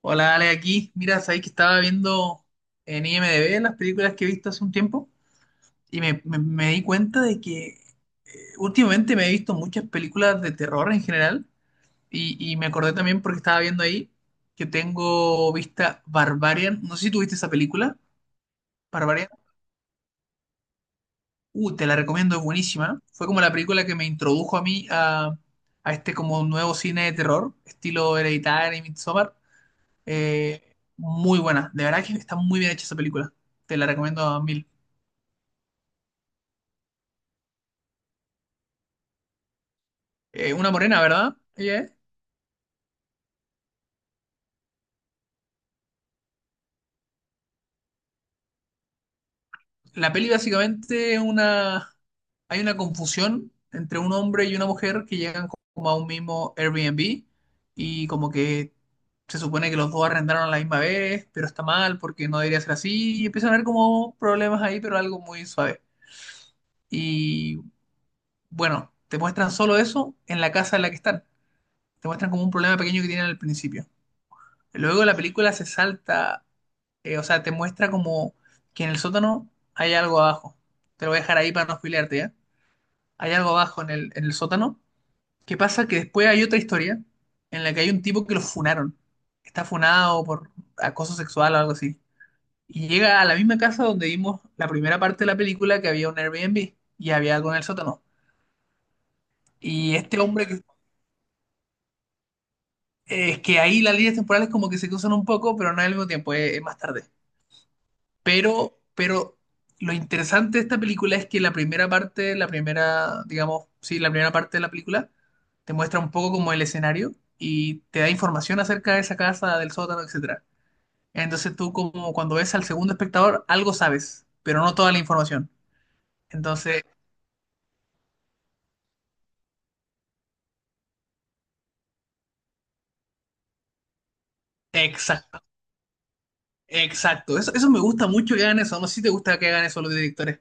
Hola, Ale, aquí. Mira, sabéis que estaba viendo en IMDb las películas que he visto hace un tiempo y me di cuenta de que últimamente me he visto muchas películas de terror en general y me acordé también porque estaba viendo ahí que tengo vista Barbarian. No sé si tú viste esa película, Barbarian. Te la recomiendo, es buenísima. Fue como la película que me introdujo a mí, a este como nuevo cine de terror, estilo Hereditary y Midsommar. Eh, Muy buena. De verdad que está muy bien hecha esa película. Te la recomiendo a mil. Una morena, ¿verdad? Ella es. La peli básicamente es una... Hay una confusión entre un hombre y una mujer que llegan como a un mismo Airbnb y como que se supone que los dos arrendaron a la misma vez, pero está mal porque no debería ser así y empiezan a haber como problemas ahí, pero algo muy suave. Y bueno, te muestran solo eso en la casa en la que están. Te muestran como un problema pequeño que tienen al principio. Luego la película se salta, o sea, te muestra como que en el sótano hay algo abajo. Te lo voy a dejar ahí para no spoilearte, ¿ya? Hay algo abajo en el sótano. ¿Qué pasa? Que después hay otra historia en la que hay un tipo que lo funaron. Está funado por acoso sexual o algo así. Y llega a la misma casa donde vimos la primera parte de la película que había un Airbnb y había algo en el sótano. Y este hombre que... Es que ahí las líneas temporales como que se cruzan un poco, pero no al mismo tiempo, es más tarde. Pero lo interesante de esta película es que la primera parte, la primera, digamos, sí, la primera parte de la película te muestra un poco como el escenario y te da información acerca de esa casa, del sótano, etcétera. Entonces tú como cuando ves al segundo espectador, algo sabes, pero no toda la información. Entonces, exacto, exacto. Eso me gusta mucho que hagan eso. No sé si te gusta que hagan eso los directores.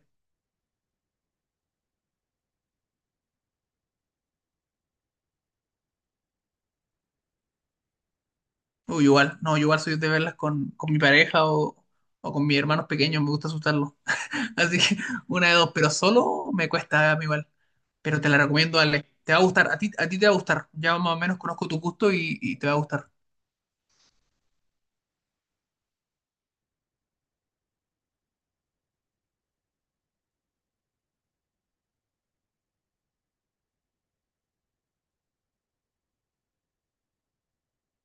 O igual, no, yo igual soy de verlas con mi pareja o con mis hermanos pequeños, me gusta asustarlos. Así que una de dos, pero solo me cuesta a mí igual. Pero te la recomiendo, Ale. Te va a gustar, a ti te va a gustar. Ya más o menos conozco tu gusto y te va a gustar.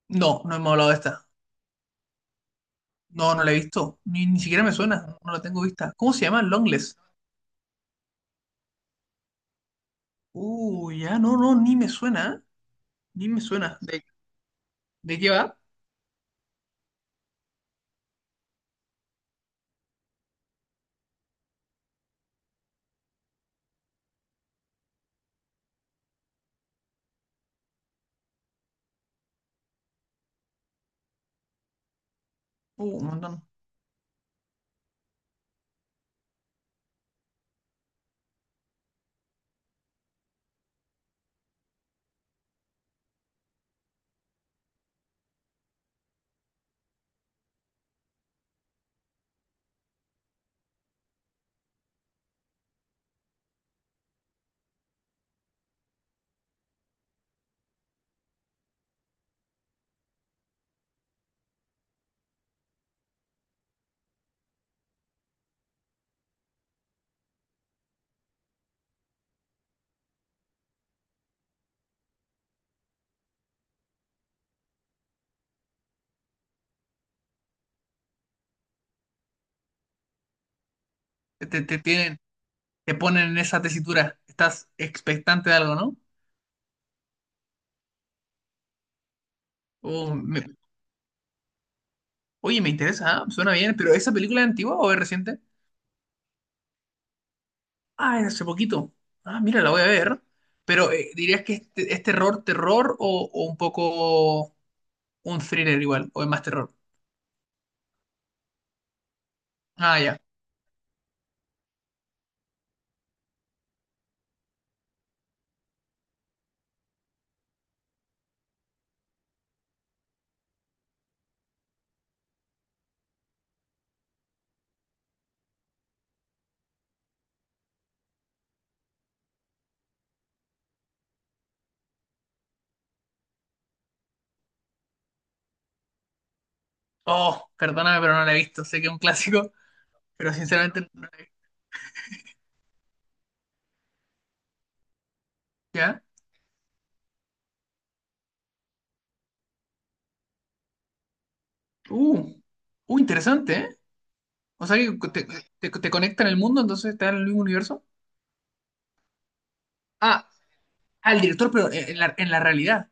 No, no hemos hablado de esta. No, no la he visto. Ni siquiera me suena. No la tengo vista. ¿Cómo se llama? Longless. Ya, no, no, ni me suena, ¿eh? Ni me suena. ¿De qué va? Un montón. Te tienen, te ponen en esa tesitura. Estás expectante de algo, ¿no? Uh, me- Oye, me interesa, ¿ah? Suena bien, pero ¿esa película es antigua o es reciente? Ah, es hace poquito. Ah, mira, la voy a ver. Pero ¿dirías que este, es terror, terror o un poco un thriller igual? ¿O es más terror? Ah, ya. Oh, perdóname, pero no la he visto. Sé que es un clásico, pero sinceramente no la he visto. ¿Ya? Uh, interesante, ¿eh? O sea que te conecta en el mundo, entonces está en el mismo universo. Ah, al director, pero en la realidad.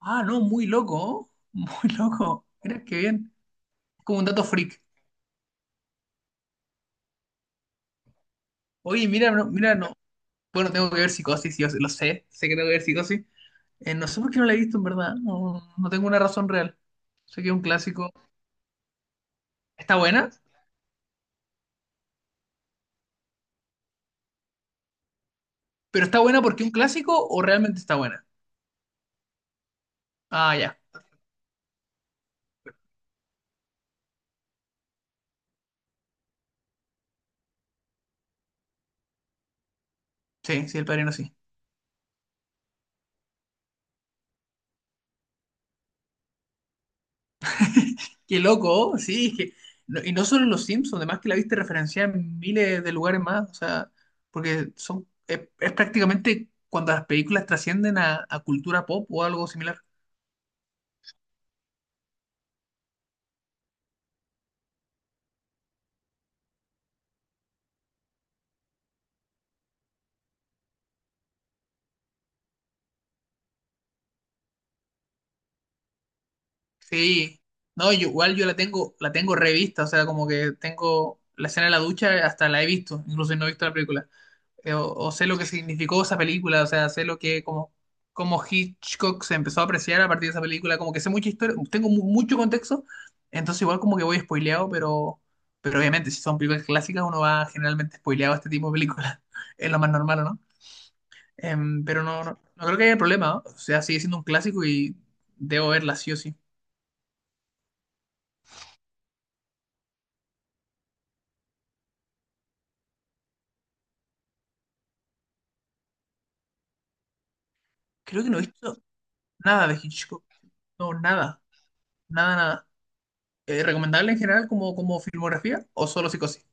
Ah, no, muy loco, ¿oh? Muy loco. Mira qué bien. Es como un dato freak. Oye, mira, no, Bueno, tengo que ver Psicosis, yo lo sé, sé que tengo que ver Psicosis. No sé por qué no la he visto en verdad, no, no tengo una razón real. Sé que es un clásico. ¿Está buena? ¿Pero está buena porque es un clásico o realmente está buena? Ah, ya. Sí, sí, El Padrino sí. Qué loco, sí, es que... no- y no solo en Los Simpsons, además que la viste referenciada en miles de lugares más, o sea, porque son, es prácticamente cuando las películas trascienden a cultura pop o algo similar. Sí, no, yo, igual yo la tengo revista, o sea, como que tengo la escena de la ducha, hasta la he visto, incluso no he visto la película, o sé lo que significó esa película, o sea, sé lo que, como, como Hitchcock se empezó a apreciar a partir de esa película, como que sé mucha historia, tengo mucho contexto, entonces igual como que voy spoileado, pero obviamente si son películas clásicas uno va generalmente spoileado a este tipo de películas, es lo más normal, ¿o ¿no? Pero no, no, no creo que haya problema, ¿no? O sea, sigue siendo un clásico y debo verla sí o sí. Creo que no he visto. Nada de Hitchcock. No, nada. Nada, nada. ¿Recomendable en general como filmografía o solo psicosis?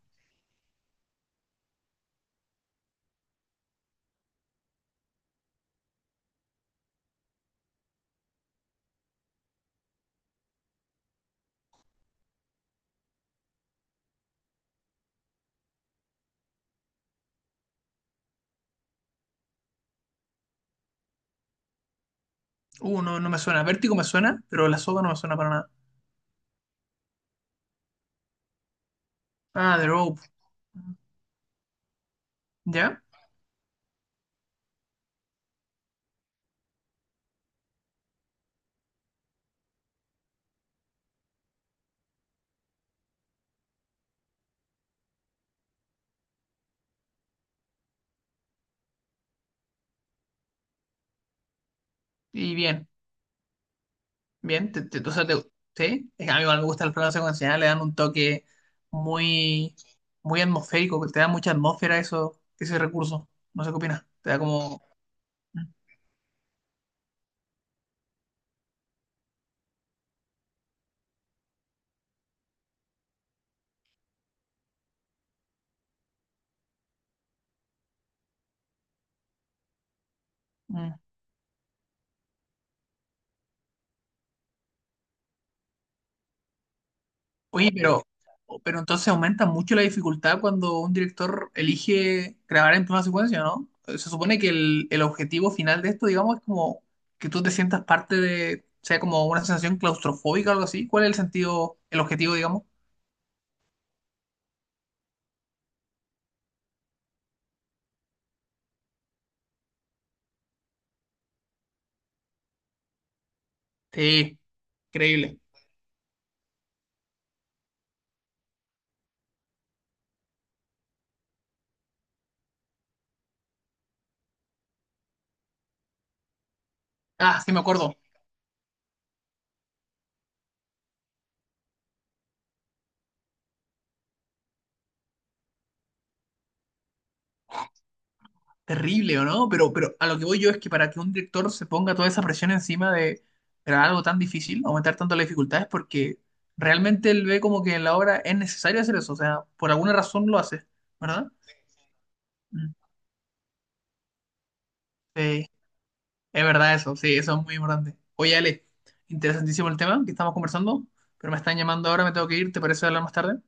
No, no me suena. Vértigo me suena, pero La Soga no me suena para nada. Ah, The Rope. ¿Ya? Y bien, bien. O sea, te- ¿sí? Es que a mí igual me gustan las películas secuenciales, le dan un toque muy, muy atmosférico, que te da mucha atmósfera eso, ese recurso. No sé qué opinas. Te da como... mm, mm. Oye, pero entonces aumenta mucho la dificultad cuando un director elige grabar en plano secuencia, ¿no? Se supone que el objetivo final de esto, digamos, es como que tú te sientas parte de, sea como una sensación claustrofóbica o algo así. ¿Cuál es el sentido, el objetivo, digamos? Sí, increíble. Ah, sí, me acuerdo. Terrible, ¿o no? Pero a lo que voy yo es que para que un director se ponga toda esa presión encima de grabar algo tan difícil, aumentar tanto las dificultades, porque realmente él ve como que en la obra es necesario hacer eso, o sea, por alguna razón lo hace, ¿verdad? Mm, Sí, es verdad eso, sí, eso es muy importante. Oye, Ale, interesantísimo el tema que estamos conversando, pero me están llamando ahora, me tengo que ir, ¿te parece hablar más tarde?